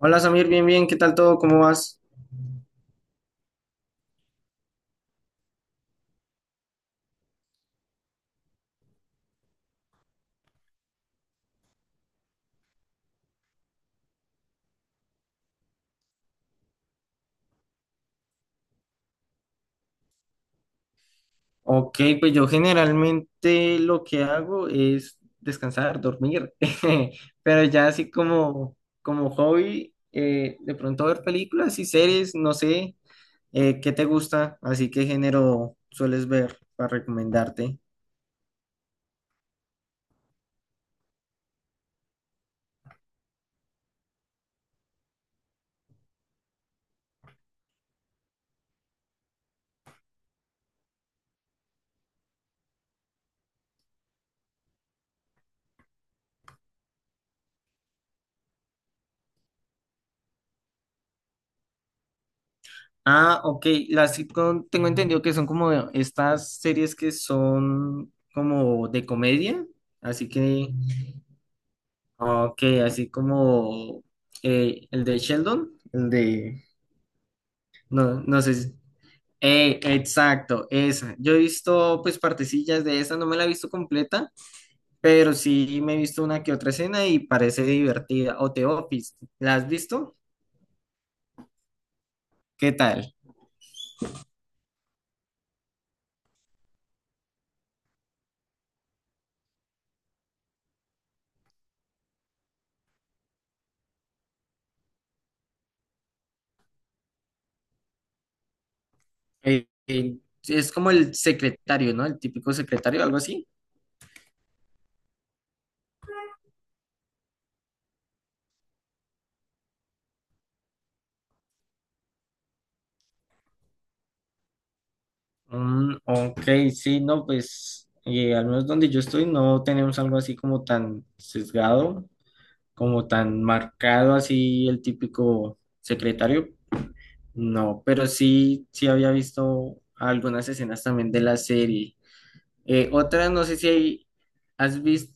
Hola Samir, bien, bien, ¿qué tal todo? ¿Cómo vas? Ok, pues yo generalmente lo que hago es descansar, dormir, pero ya así como, como hobby, de pronto ver películas y series, no sé, ¿qué te gusta? Así qué género sueles ver para recomendarte. Ah, ok, las sitcom tengo entendido que son como estas series que son como de comedia, así que... Ah, ok, así como el de Sheldon, el de... No, no sé. Exacto, esa. Yo he visto pues partecillas de esa, no me la he visto completa, pero sí me he visto una que otra escena y parece divertida. O The Office, ¿la has visto? ¿Qué tal? Eh, eh, es como el secretario, ¿no? El típico secretario, algo así. Mm, ok, sí, no, pues al menos donde yo estoy no tenemos algo así como tan sesgado, como tan marcado así el típico secretario, no, pero sí, sí había visto algunas escenas también de la serie. Otra, no sé si has visto,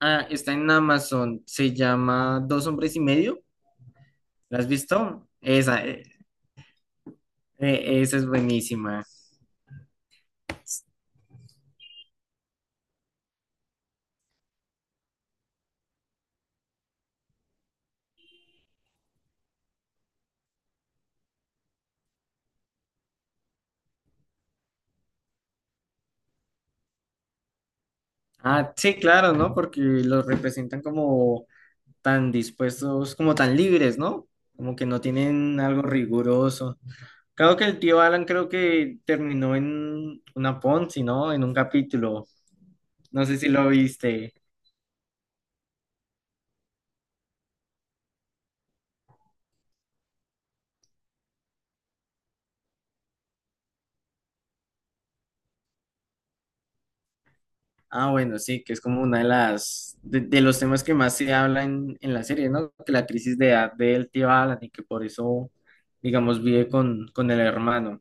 ah, está en Amazon, se llama Dos hombres y medio, ¿la has visto? Esa, esa es buenísima. Ah, sí, claro, ¿no? Porque los representan como tan dispuestos, como tan libres, ¿no? Como que no tienen algo riguroso. Claro que el tío Alan creo que terminó en una Ponzi, ¿no? En un capítulo. No sé si lo viste. Ah, bueno, sí, que es como una de los temas que más se habla en la serie, ¿no? Que la crisis de edad del tío Alan y que por eso, digamos, vive con el hermano.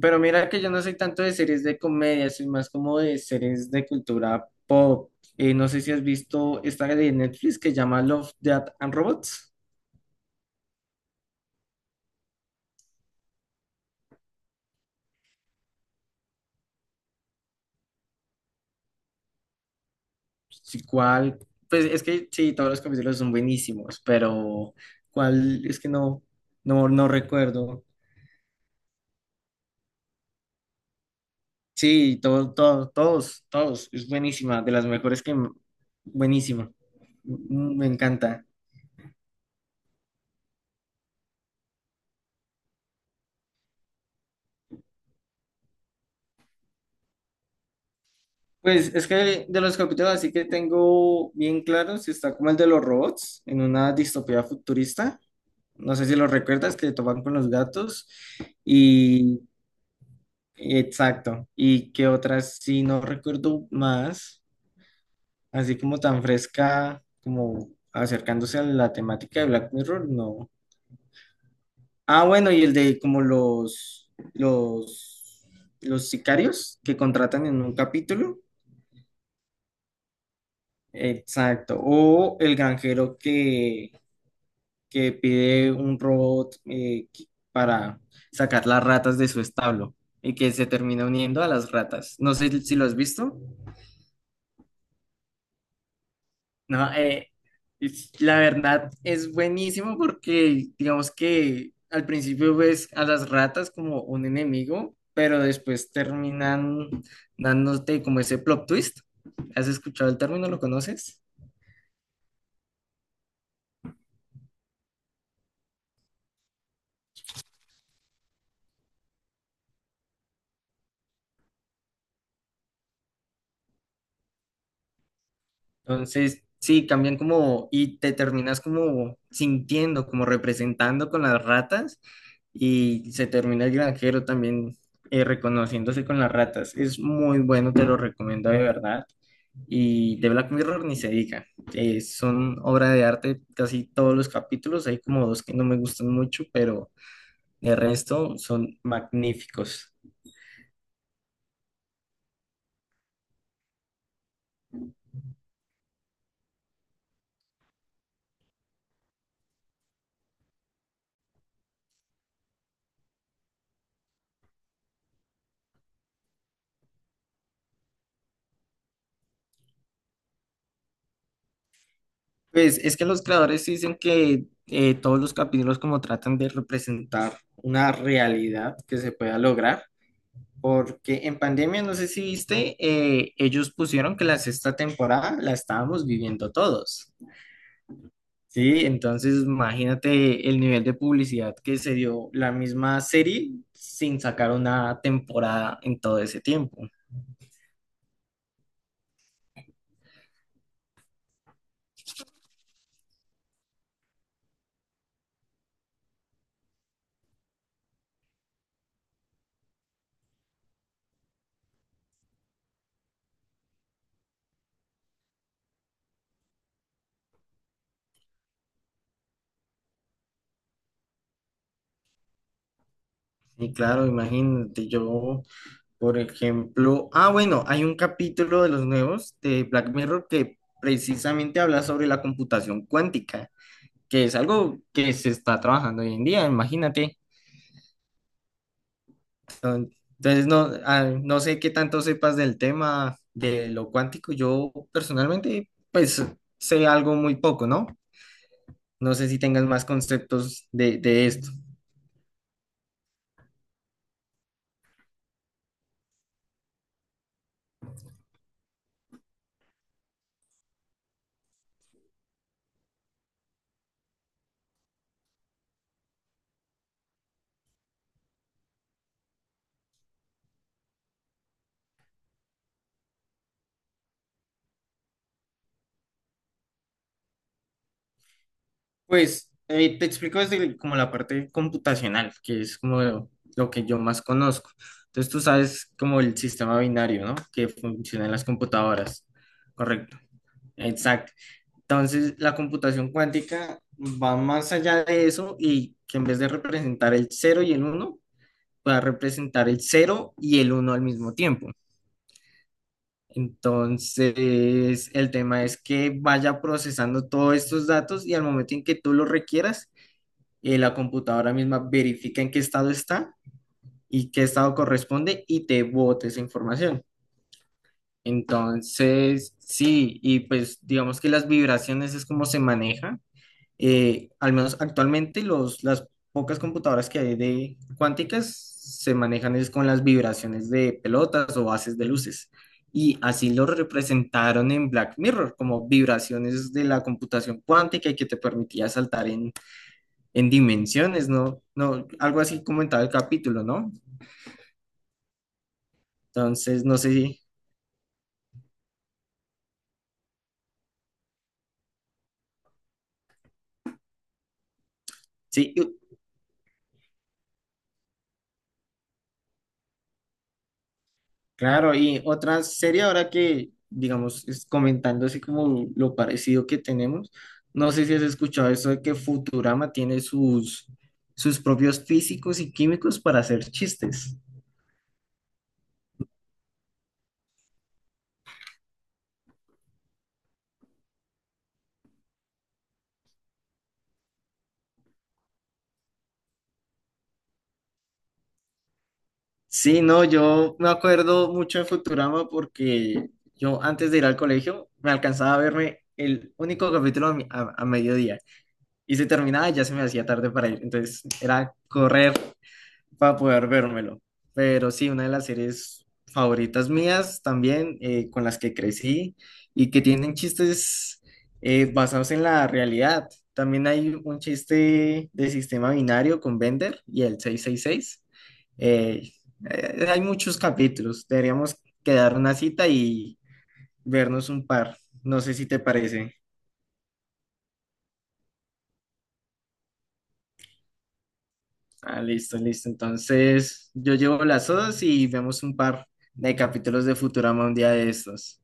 Pero mira que yo no soy tanto de series de comedia, soy más como de series de cultura pop. No sé si has visto esta de Netflix que llama Love, Death and Robots. Sí, ¿cuál? Pues es que sí, todos los capítulos son buenísimos, pero ¿cuál? Es que no, no recuerdo. Sí, todo, todo, todos, todos. Es buenísima, de las mejores que... Buenísima. Mm, me encanta. Pues es que de los capítulos así que tengo bien claros, está como el de los robots en una distopía futurista. No sé si lo recuerdas, que toman con los gatos. Y exacto. ¿Y qué otras? Sí, no recuerdo más. Así como tan fresca, como acercándose a la temática de Black Mirror, no. Ah, bueno, y el de como los sicarios que contratan en un capítulo. Exacto. O el granjero que pide un robot para sacar las ratas de su establo y que se termina uniendo a las ratas. No sé si lo has visto. No, la verdad es buenísimo porque digamos que al principio ves a las ratas como un enemigo, pero después terminan dándote como ese plot twist. ¿Has escuchado el término? ¿Lo conoces? Entonces, sí, cambian como y te terminas como sintiendo, como representando con las ratas y se termina el granjero también reconociéndose con las ratas. Es muy bueno, te lo recomiendo de verdad. Y de Black Mirror ni se diga. Son obra de arte casi todos los capítulos. Hay como dos que no me gustan mucho, pero el resto son magníficos. Pues es que los creadores dicen que todos los capítulos como tratan de representar una realidad que se pueda lograr. Porque en pandemia, no sé si viste, ellos pusieron que la sexta temporada la estábamos viviendo todos. Sí, entonces imagínate el nivel de publicidad que se dio la misma serie sin sacar una temporada en todo ese tiempo. Y claro, imagínate yo, por ejemplo, ah, bueno, hay un capítulo de los nuevos de Black Mirror que precisamente habla sobre la computación cuántica, que es algo que se está trabajando hoy en día, imagínate. Entonces, no, ah, no sé qué tanto sepas del tema de lo cuántico. Yo personalmente, pues, sé algo muy poco, ¿no? No sé si tengas más conceptos de esto. Pues, te explico desde como la parte computacional, que es como lo que yo más conozco. Entonces, tú sabes como el sistema binario, ¿no? Que funciona en las computadoras. Correcto. Exacto. Entonces, la computación cuántica va más allá de eso y que en vez de representar el cero y el uno pueda representar el cero y el uno al mismo tiempo. Entonces, el tema es que vaya procesando todos estos datos y al momento en que tú los requieras, la computadora misma verifica en qué estado está y qué estado corresponde y te bote esa información. Entonces, sí, y pues digamos que las vibraciones es como se maneja al menos actualmente las pocas computadoras que hay de cuánticas se manejan es con las vibraciones de pelotas o haces de luces. Y así lo representaron en Black Mirror, como vibraciones de la computación cuántica y que te permitía saltar en dimensiones, ¿no? No, algo así comentaba el capítulo, ¿no? Entonces, no sé si, sí. Claro, y otra serie ahora que, digamos, es comentando así como lo parecido que tenemos, no sé si has escuchado eso de que Futurama tiene sus propios físicos y químicos para hacer chistes. Sí, no, yo me acuerdo mucho de Futurama porque yo antes de ir al colegio me alcanzaba a verme el único capítulo a, a mediodía y se terminaba y ya se me hacía tarde para ir, entonces era correr para poder vérmelo. Pero sí, una de las series favoritas mías también, con las que crecí y que tienen chistes basados en la realidad. También hay un chiste de sistema binario con Bender y el 666. Eh, hay muchos capítulos. Deberíamos quedar una cita y vernos un par. No sé si te parece. Ah, listo, listo. Entonces, yo llevo las dos y vemos un par de capítulos de Futurama un día de estos.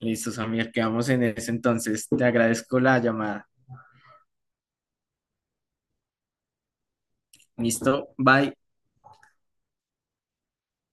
Listo, Samir, quedamos en eso entonces. Te agradezco la llamada. Listo, bye.